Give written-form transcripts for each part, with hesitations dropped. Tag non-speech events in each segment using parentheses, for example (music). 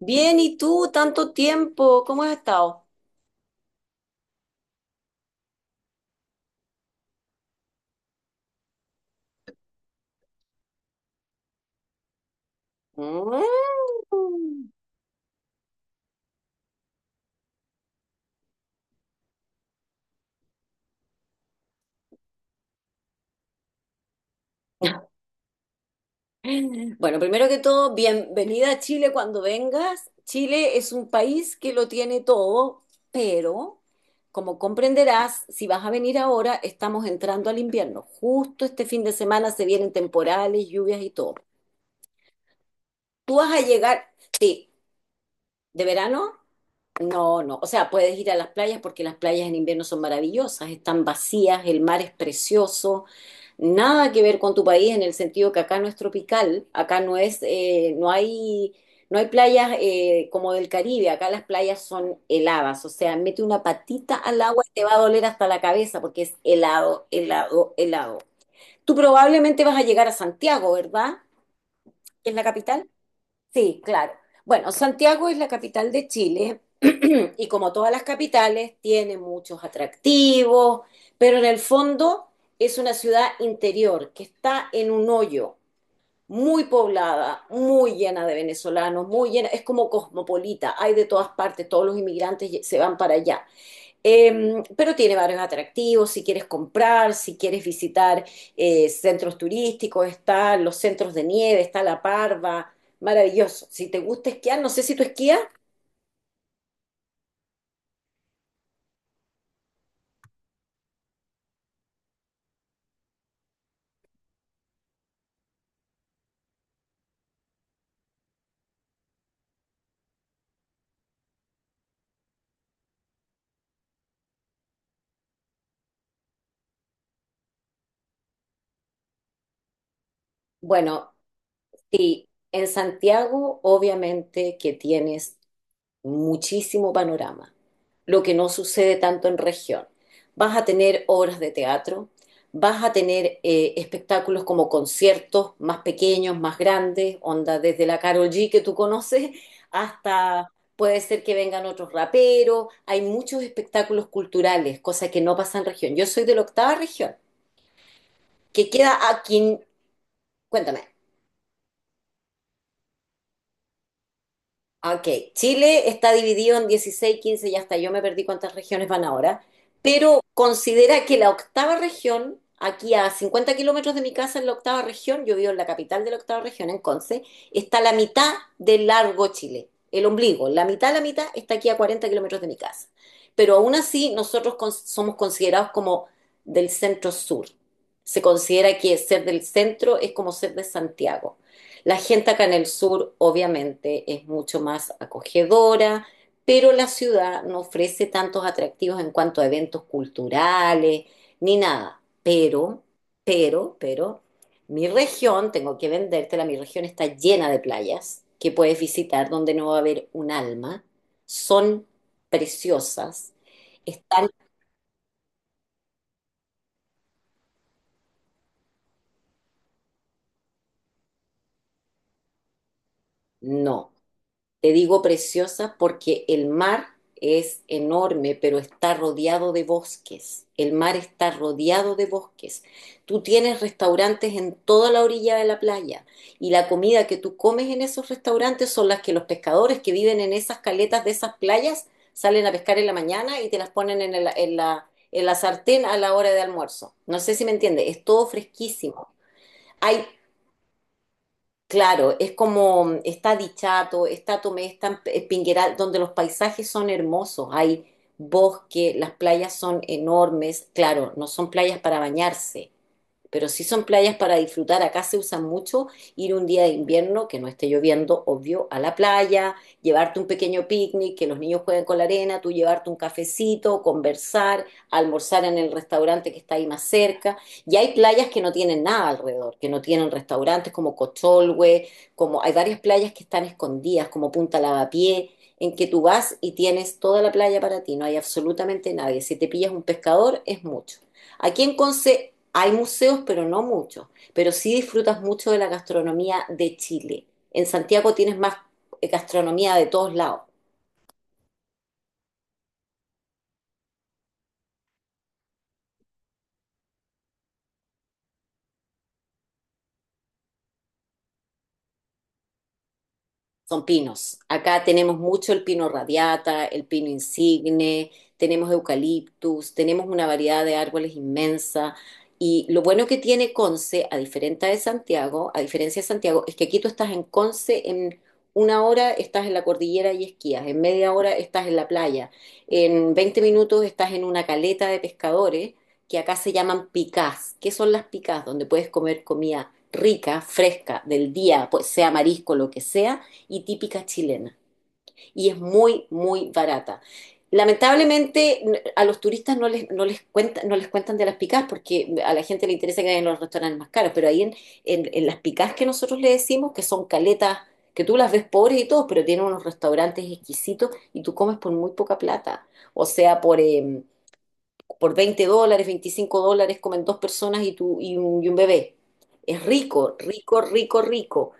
Bien, ¿y tú? Tanto tiempo, ¿cómo has estado? Mm. (laughs) Bueno, primero que todo, bienvenida a Chile cuando vengas. Chile es un país que lo tiene todo, pero como comprenderás, si vas a venir ahora, estamos entrando al invierno. Justo este fin de semana se vienen temporales, lluvias y todo. Tú vas a llegar, sí, de verano, no, no. O sea, puedes ir a las playas porque las playas en invierno son maravillosas, están vacías, el mar es precioso. Nada que ver con tu país en el sentido que acá no es tropical, acá no hay, no hay playas como del Caribe. Acá las playas son heladas, o sea, mete una patita al agua y te va a doler hasta la cabeza porque es helado, helado, helado. Tú probablemente vas a llegar a Santiago, ¿verdad? ¿Es la capital? Sí, claro. Bueno, Santiago es la capital de Chile. (clears throat) Y como todas las capitales, tiene muchos atractivos, pero en el fondo es una ciudad interior que está en un hoyo, muy poblada, muy llena de venezolanos, muy llena, es como cosmopolita, hay de todas partes, todos los inmigrantes se van para allá. Pero tiene varios atractivos. Si quieres comprar, si quieres visitar centros turísticos, están los centros de nieve, está la parva, maravilloso. Si te gusta esquiar, no sé si tú esquías. Bueno, sí, en Santiago obviamente que tienes muchísimo panorama, lo que no sucede tanto en región. Vas a tener obras de teatro, vas a tener espectáculos como conciertos más pequeños, más grandes, onda desde la Karol G que tú conoces hasta puede ser que vengan otros raperos. Hay muchos espectáculos culturales, cosas que no pasan en región. Yo soy de la octava región, que queda aquí, cuéntame. Ok, Chile está dividido en 16, 15, ya está, yo me perdí cuántas regiones van ahora, pero considera que la octava región, aquí a 50 kilómetros de mi casa en la octava región, yo vivo en la capital de la octava región, en Conce, está la mitad del largo Chile, el ombligo, la mitad está aquí a 40 kilómetros de mi casa, pero aún así nosotros somos considerados como del centro sur. Se considera que ser del centro es como ser de Santiago. La gente acá en el sur obviamente es mucho más acogedora, pero la ciudad no ofrece tantos atractivos en cuanto a eventos culturales ni nada. Pero, mi región, tengo que vendértela, mi región está llena de playas que puedes visitar donde no va a haber un alma. Son preciosas. Están, no. Te digo preciosa porque el mar es enorme, pero está rodeado de bosques. El mar está rodeado de bosques. Tú tienes restaurantes en toda la orilla de la playa y la comida que tú comes en esos restaurantes son las que los pescadores que viven en esas caletas de esas playas salen a pescar en la mañana y te las ponen en la sartén a la hora de almuerzo. No sé si me entiendes, es todo fresquísimo. Hay Claro, es como está Dichato, está Tomé, está Pingueral, donde los paisajes son hermosos, hay bosque, las playas son enormes. Claro, no son playas para bañarse, pero si son playas para disfrutar. Acá se usan mucho ir un día de invierno que no esté lloviendo, obvio, a la playa, llevarte un pequeño picnic, que los niños jueguen con la arena, tú llevarte un cafecito, conversar, almorzar en el restaurante que está ahí más cerca. Y hay playas que no tienen nada alrededor, que no tienen restaurantes como Cocholhue, como hay varias playas que están escondidas, como Punta Lavapié, en que tú vas y tienes toda la playa para ti, no hay absolutamente nadie. Si te pillas un pescador, es mucho. Aquí en Conce hay museos, pero no muchos. Pero sí disfrutas mucho de la gastronomía de Chile. En Santiago tienes más gastronomía de todos lados. Son pinos. Acá tenemos mucho el pino radiata, el pino insigne, tenemos eucaliptus, tenemos una variedad de árboles inmensa. Y lo bueno que tiene Conce, a diferencia de Santiago, es que aquí tú estás en Conce, en 1 hora estás en la cordillera y esquías, en media hora estás en la playa, en 20 minutos estás en una caleta de pescadores que acá se llaman picás. ¿Qué son las picás? Donde puedes comer comida rica, fresca, del día, pues sea marisco, lo que sea y típica chilena. Y es muy, muy barata. Lamentablemente a los turistas no les cuentan de las picás porque a la gente le interesa que vayan a los restaurantes más caros, pero ahí en las picás que nosotros le decimos, que son caletas, que tú las ves pobres y todo, pero tienen unos restaurantes exquisitos y tú comes por muy poca plata. O sea, por $20, $25 comen dos personas y un bebé. Es rico, rico, rico, rico.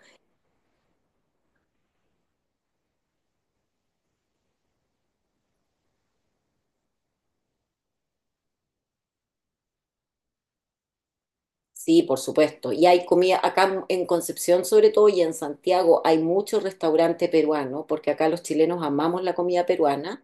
Sí, por supuesto. Y hay comida, acá en Concepción sobre todo y en Santiago hay muchos restaurantes peruanos, porque acá los chilenos amamos la comida peruana.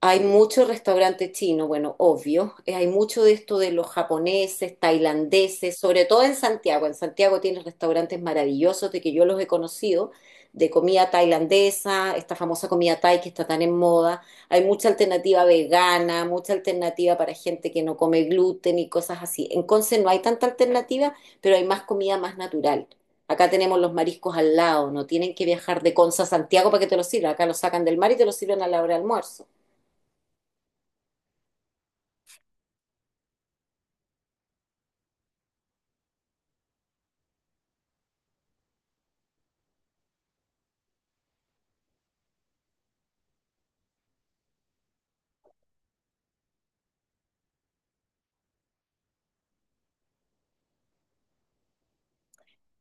Hay muchos restaurantes chinos, bueno, obvio. Hay mucho de esto de los japoneses, tailandeses, sobre todo en Santiago. En Santiago tienes restaurantes maravillosos de que yo los he conocido, de comida tailandesa, esta famosa comida thai que está tan en moda. Hay mucha alternativa vegana, mucha alternativa para gente que no come gluten y cosas así. En Conce no hay tanta alternativa, pero hay más comida más natural. Acá tenemos los mariscos al lado, no tienen que viajar de Conce a Santiago para que te los sirvan. Acá los sacan del mar y te los sirven a la hora de almuerzo.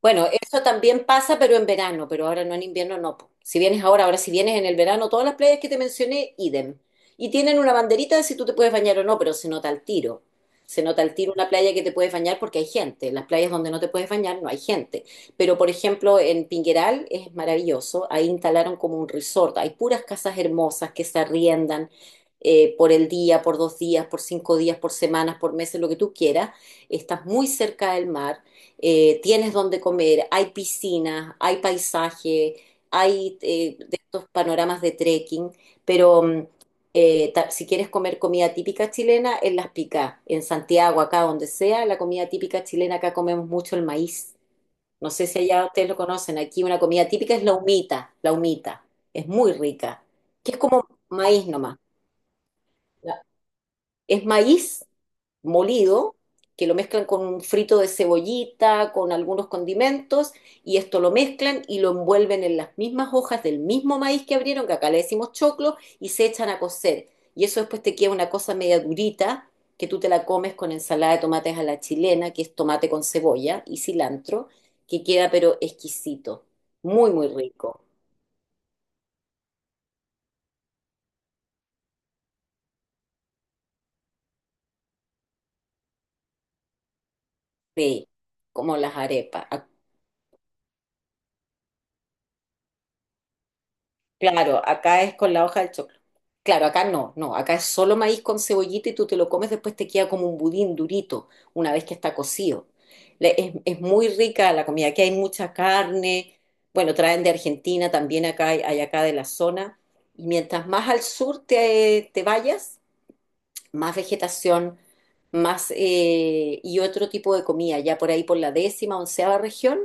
Bueno, eso también pasa, pero en verano, pero ahora no en invierno, no po. Si vienes ahora, ahora si vienes en el verano, todas las playas que te mencioné, idem. Y tienen una banderita de si tú te puedes bañar o no, pero se nota al tiro. Se nota al tiro una playa que te puedes bañar porque hay gente. En las playas donde no te puedes bañar no hay gente. Pero, por ejemplo, en Pingueral es maravilloso. Ahí instalaron como un resort. Hay puras casas hermosas que se arriendan por el día, por 2 días, por 5 días, por semanas, por meses, lo que tú quieras. Estás muy cerca del mar. Tienes donde comer, hay piscinas, hay paisaje, hay de estos panoramas de trekking, pero si quieres comer comida típica chilena, en Las Picás, en Santiago, acá donde sea, la comida típica chilena, acá comemos mucho el maíz. No sé si allá ustedes lo conocen, aquí una comida típica es la humita, es muy rica, que es como maíz nomás. Es maíz molido, que lo mezclan con un frito de cebollita, con algunos condimentos, y esto lo mezclan y lo envuelven en las mismas hojas del mismo maíz que abrieron, que acá le decimos choclo, y se echan a cocer. Y eso después te queda una cosa media durita, que tú te la comes con ensalada de tomates a la chilena, que es tomate con cebolla y cilantro, que queda pero exquisito, muy, muy rico. Sí, como las arepas. Claro, acá es con la hoja del choclo. Claro, acá no, no, acá es solo maíz con cebollita y tú te lo comes, después te queda como un budín durito una vez que está cocido. Es muy rica la comida, aquí hay mucha carne, bueno, traen de Argentina, también acá hay acá de la zona. Y mientras más al sur te vayas, más vegetación, más y otro tipo de comida. Ya por ahí por la décima, onceava región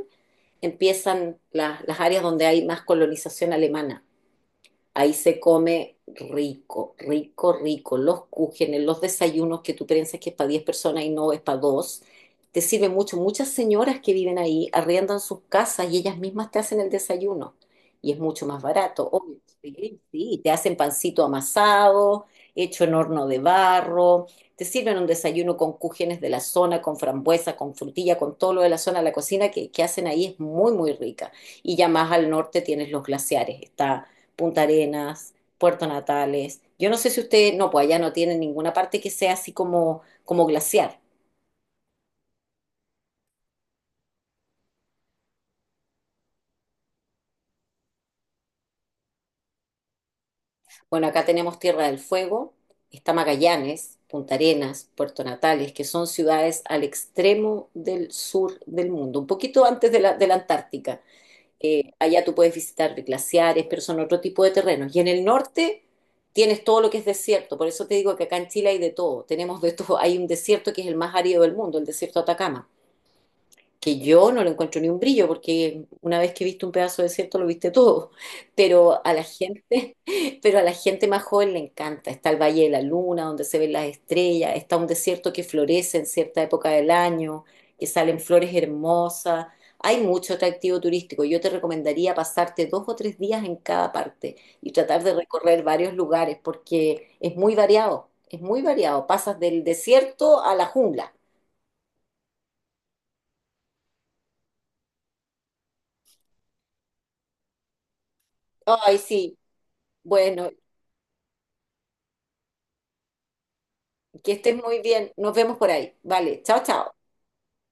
empiezan las áreas donde hay más colonización alemana. Ahí se come rico, rico, rico. Los cúgenes, los desayunos que tú piensas que es para 10 personas y no es para dos. Te sirve mucho. Muchas señoras que viven ahí arriendan sus casas y ellas mismas te hacen el desayuno. Y es mucho más barato, obvio. Sí, sí, te hacen pancito amasado, hecho en horno de barro. Te sirven un desayuno con cúgenes de la zona, con frambuesa, con frutilla, con todo lo de la zona. La cocina que hacen ahí es muy, muy rica. Y ya más al norte tienes los glaciares. Está Punta Arenas, Puerto Natales. Yo no sé si usted, no, pues allá no tiene ninguna parte que sea así como, como glaciar. Bueno, acá tenemos Tierra del Fuego, está Magallanes, Punta Arenas, Puerto Natales, que son ciudades al extremo del sur del mundo, un poquito antes de la Antártica. Allá tú puedes visitar glaciares, pero son otro tipo de terrenos. Y en el norte tienes todo lo que es desierto. Por eso te digo que acá en Chile hay de todo. Tenemos de todo. Hay un desierto que es el más árido del mundo, el desierto de Atacama, que yo no lo encuentro ni un brillo, porque una vez que viste un pedazo de desierto lo viste todo. (laughs) Pero a la gente, (laughs) pero a la gente más joven le encanta. Está el Valle de la Luna, donde se ven las estrellas, está un desierto que florece en cierta época del año, que salen flores hermosas. Hay mucho atractivo turístico. Yo te recomendaría pasarte 2 o 3 días en cada parte y tratar de recorrer varios lugares, porque es muy variado, es muy variado. Pasas del desierto a la jungla. Ay, sí. Bueno, que estés muy bien. Nos vemos por ahí. Vale, chao, chao.